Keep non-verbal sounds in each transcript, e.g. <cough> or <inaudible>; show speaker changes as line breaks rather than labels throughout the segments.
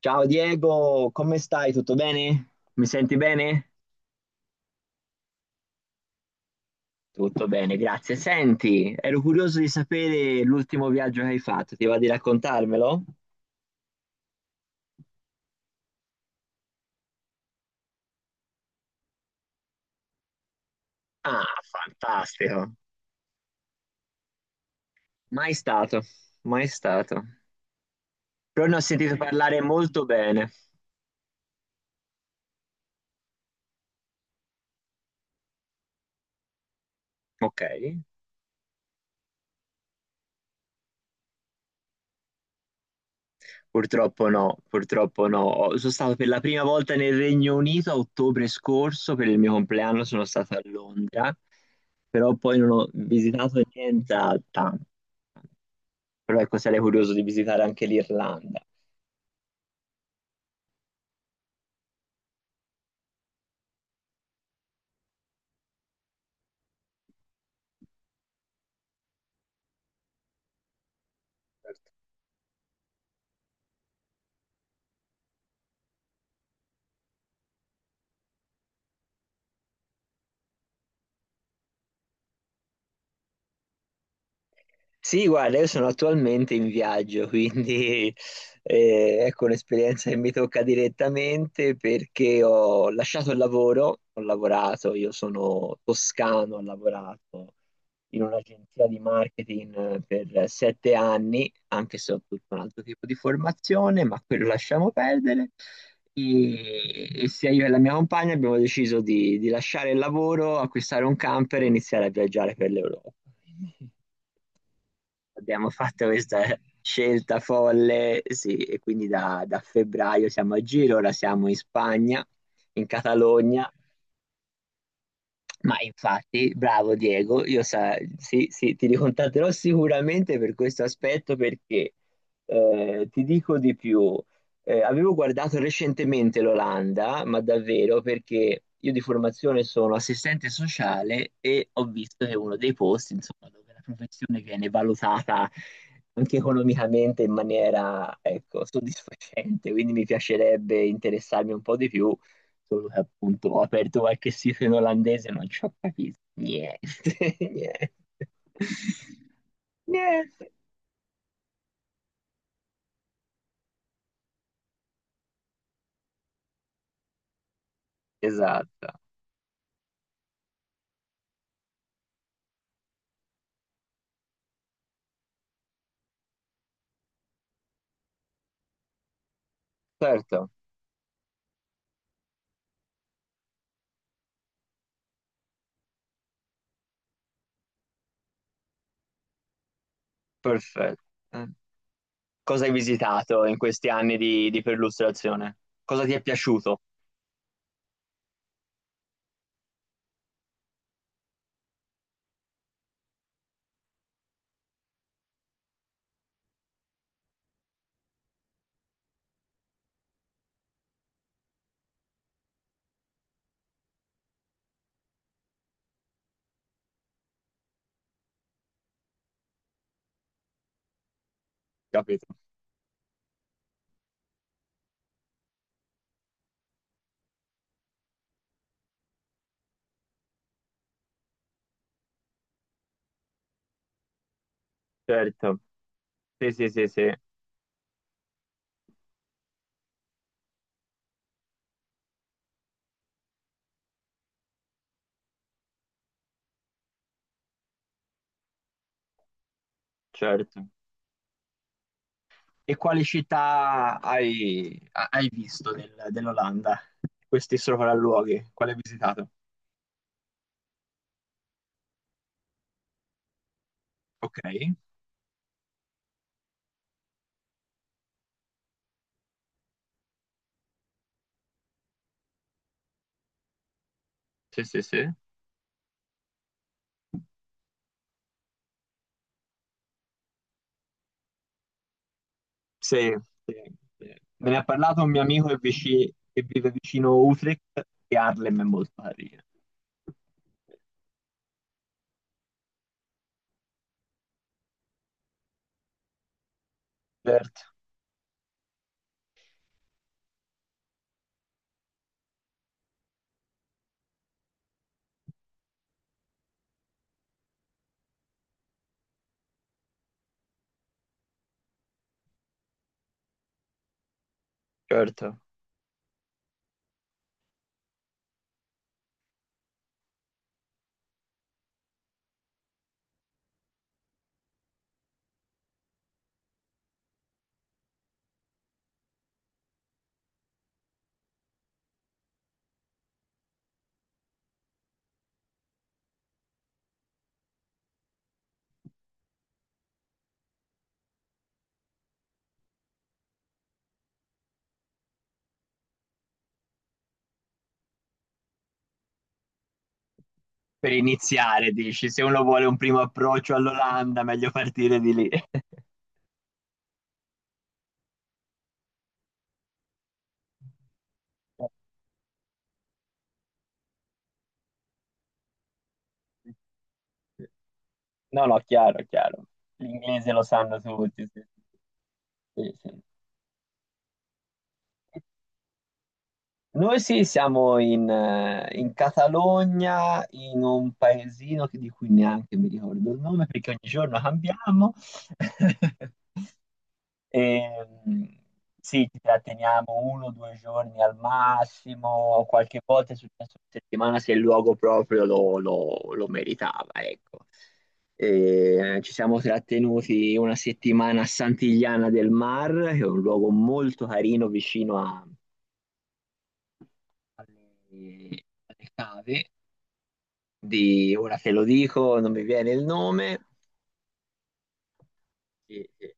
Ciao Diego, come stai? Tutto bene? Mi senti bene? Tutto bene, grazie. Senti, ero curioso di sapere l'ultimo viaggio che hai fatto, ti va di raccontarmelo? Ah, fantastico. Mai stato, mai stato. Però ne ho sentito parlare molto bene. Ok. Purtroppo no, purtroppo no. Sono stato per la prima volta nel Regno Unito a ottobre scorso, per il mio compleanno sono stato a Londra, però poi non ho visitato nient'altro. Però ecco, sarei curioso di visitare anche l'Irlanda. Sì, guarda, io sono attualmente in viaggio, quindi <laughs> ecco un'esperienza che mi tocca direttamente perché ho lasciato il lavoro, ho lavorato, io sono toscano, ho lavorato in un'agenzia di marketing per 7 anni, anche se ho tutto un altro tipo di formazione, ma quello lasciamo perdere. E sia io e la mia compagna abbiamo deciso di lasciare il lavoro, acquistare un camper e iniziare a viaggiare per l'Europa. Abbiamo <laughs> fatto questa scelta folle, sì, e quindi da febbraio siamo a giro, ora siamo in Spagna, in Catalogna. Ma infatti, bravo Diego, io sì, sì, ti ricontatterò sicuramente per questo aspetto perché ti dico di più. Avevo guardato recentemente l'Olanda, ma davvero perché io di formazione sono assistente sociale e ho visto che è uno dei posti, insomma, dove la professione viene valutata anche economicamente in maniera, ecco, soddisfacente, quindi mi piacerebbe interessarmi un po' di più. Solo che appunto ho aperto qualche sito in olandese ma non ci ho capito niente, <laughs> niente, niente. Esatto, certo, perfetto. Eh. Cosa hai visitato in questi anni di perlustrazione? Cosa ti è piaciuto? Capito? Certo, sì, sì, sì, sì, certo. E quali città hai visto dell'Olanda? Questi sopralluoghi, quali hai visitato? Ok, sì, sì, sì. Sì, sì, sì. Me ne ha parlato un mio amico che vive vicino Utrecht, e Harlem è molto carina. Certo, certo. Per iniziare, dici, se uno vuole un primo approccio all'Olanda, meglio partire di lì. <laughs> No, no, chiaro, chiaro. L'inglese lo sanno tutti. Sì, sì. Sì, sì. Noi sì, siamo in Catalogna, in un paesino di cui neanche mi ricordo il nome perché ogni giorno cambiamo. <laughs> E, mm, sì, ci tratteniamo uno o due giorni al massimo, qualche volta è successo una settimana se il luogo proprio lo meritava, ecco. E, ci siamo trattenuti una settimana a Sant'Igliana del Mar, che è un luogo molto carino vicino alle cave di, ora te lo dico, non mi viene il nome, sì, sì.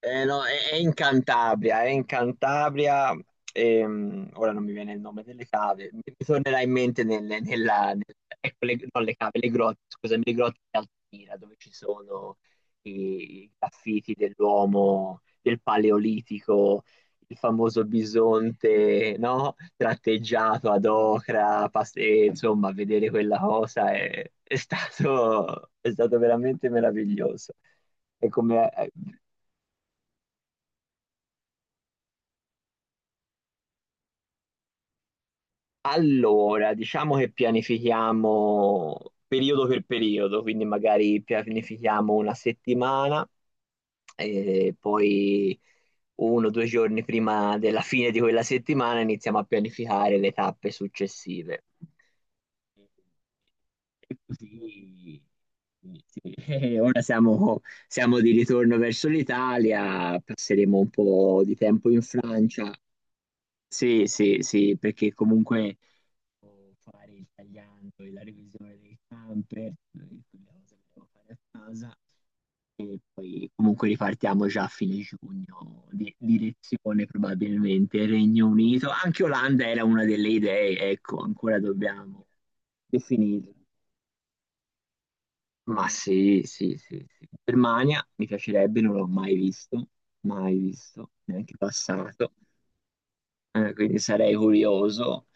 No, è in Cantabria, è in Cantabria, ora non mi viene il nome delle cave, mi tornerà in mente ecco, le, non le cave, le grotte, scusami, le grotte di Altamira, dove ci sono i graffiti dell'uomo del Paleolitico, il famoso bisonte, no? Tratteggiato ad ocra, e, insomma, vedere quella cosa è stato veramente meraviglioso. E come- eh, Allora, diciamo che pianifichiamo periodo per periodo, quindi magari pianifichiamo una settimana e poi uno o due giorni prima della fine di quella settimana iniziamo a pianificare le tappe successive. E così, sì, sì. <laughs> Ora siamo di ritorno verso l'Italia, passeremo un po' di tempo in Francia. Sì, sì, sì, perché comunque devo fare il tagliando e la revisione del camper, quelle cose che devo fare a casa, e poi comunque ripartiamo già a fine giugno, direzione probabilmente Regno Unito, anche Olanda era una delle idee, ecco, ancora dobbiamo definirla. Ma sì, sì, sì, sì. Germania mi piacerebbe, non l'ho mai visto, mai visto, neanche passato. Quindi sarei curioso.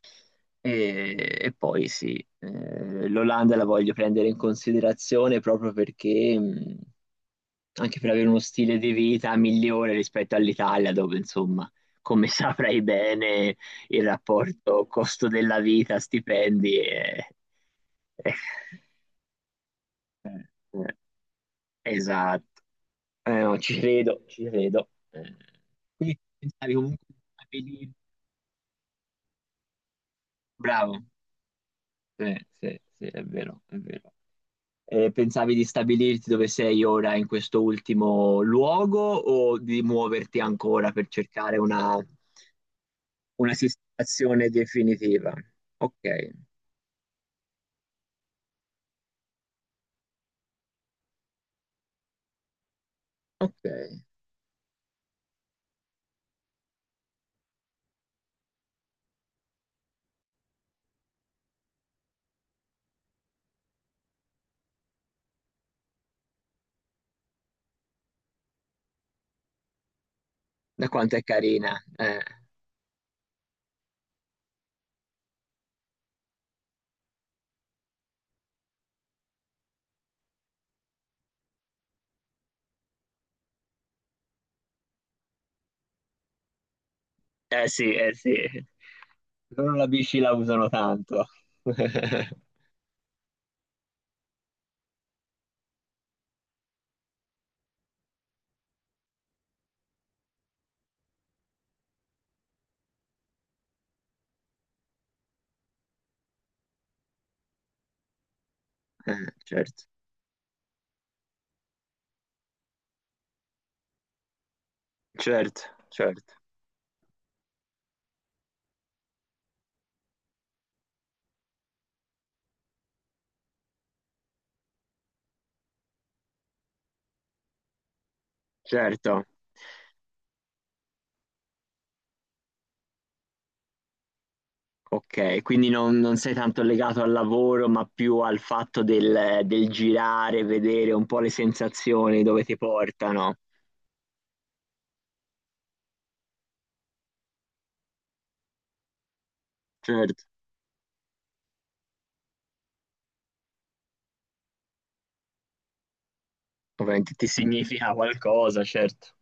E poi sì, l'Olanda la voglio prendere in considerazione proprio perché, anche per avere uno stile di vita migliore rispetto all'Italia, dove insomma, come <laughs> saprai bene, il rapporto costo della vita, stipendi è... è- eh, eh, Esatto. No, ci credo, ci credo. Quindi pensavi comunque a venire. Bravo. Sì, sì, sì, è vero, è vero. E pensavi di stabilirti dove sei ora in questo ultimo luogo o di muoverti ancora per cercare una, sistemazione definitiva? Ok, ok. Da quanto è carina? Eh sì, eh sì. Loro la bici la usano tanto. <laughs> Certo, certo, certo, certo. Ok, quindi non sei tanto legato al lavoro, ma più al fatto del girare, vedere un po' le sensazioni dove ti portano. Certo, ovviamente ti significa qualcosa, certo.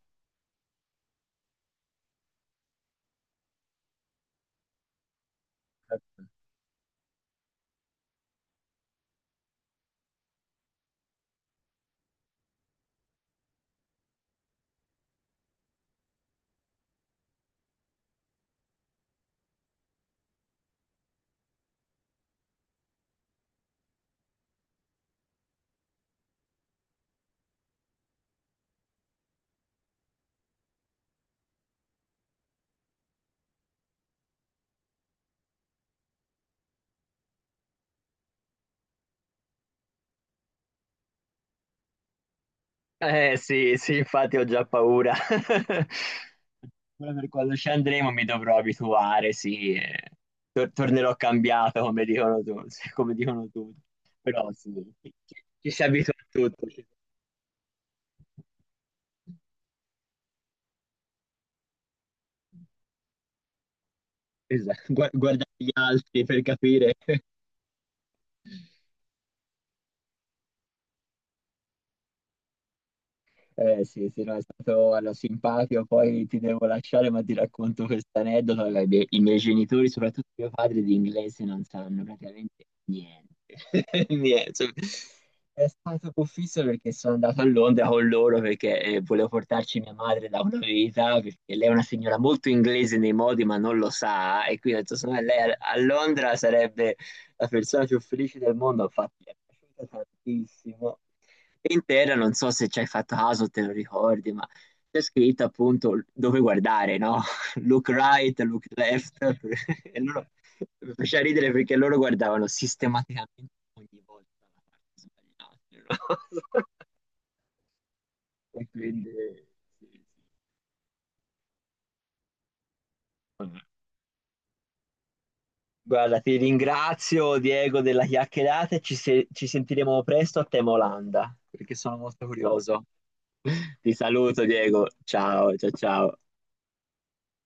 Eh sì, sì, infatti ho già paura. <laughs> Però per quando ci andremo mi dovrò abituare, sì. Tornerò cambiato, come dicono tu, <laughs> sì, come dicono tutti. Però sì, ci ci si abitua a tutto. Sì. Esatto, guardare gli altri per capire. <laughs> Eh sì, sì, no, è stato allora, simpatico, poi ti devo lasciare, ma ti racconto questa aneddota. Allora, i miei genitori, soprattutto mio padre, di inglese non sanno praticamente niente. <laughs> Niente. Cioè. È stato confisso perché sono andato a Londra con loro perché volevo portarci mia madre da una vita, perché lei è una signora molto inglese nei modi, ma non lo sa, e quindi ho detto, secondo me lei a Londra sarebbe la persona più felice del mondo, infatti mi è piaciuta tantissimo intera, non so se ci hai fatto caso, te lo ricordi, ma c'è scritto appunto dove guardare, no? <laughs> Look right, look left, <laughs> e loro mi faceva ridere perché loro guardavano sistematicamente ogni volta la parte sbagliata. No? <laughs> E quindi, sì, sì. Vabbè. Guarda, ti ringrazio Diego della chiacchierata e ci, se- ci sentiremo presto a tema Olanda, perché sono molto curioso. <laughs> Ti saluto Diego, ciao ciao ciao.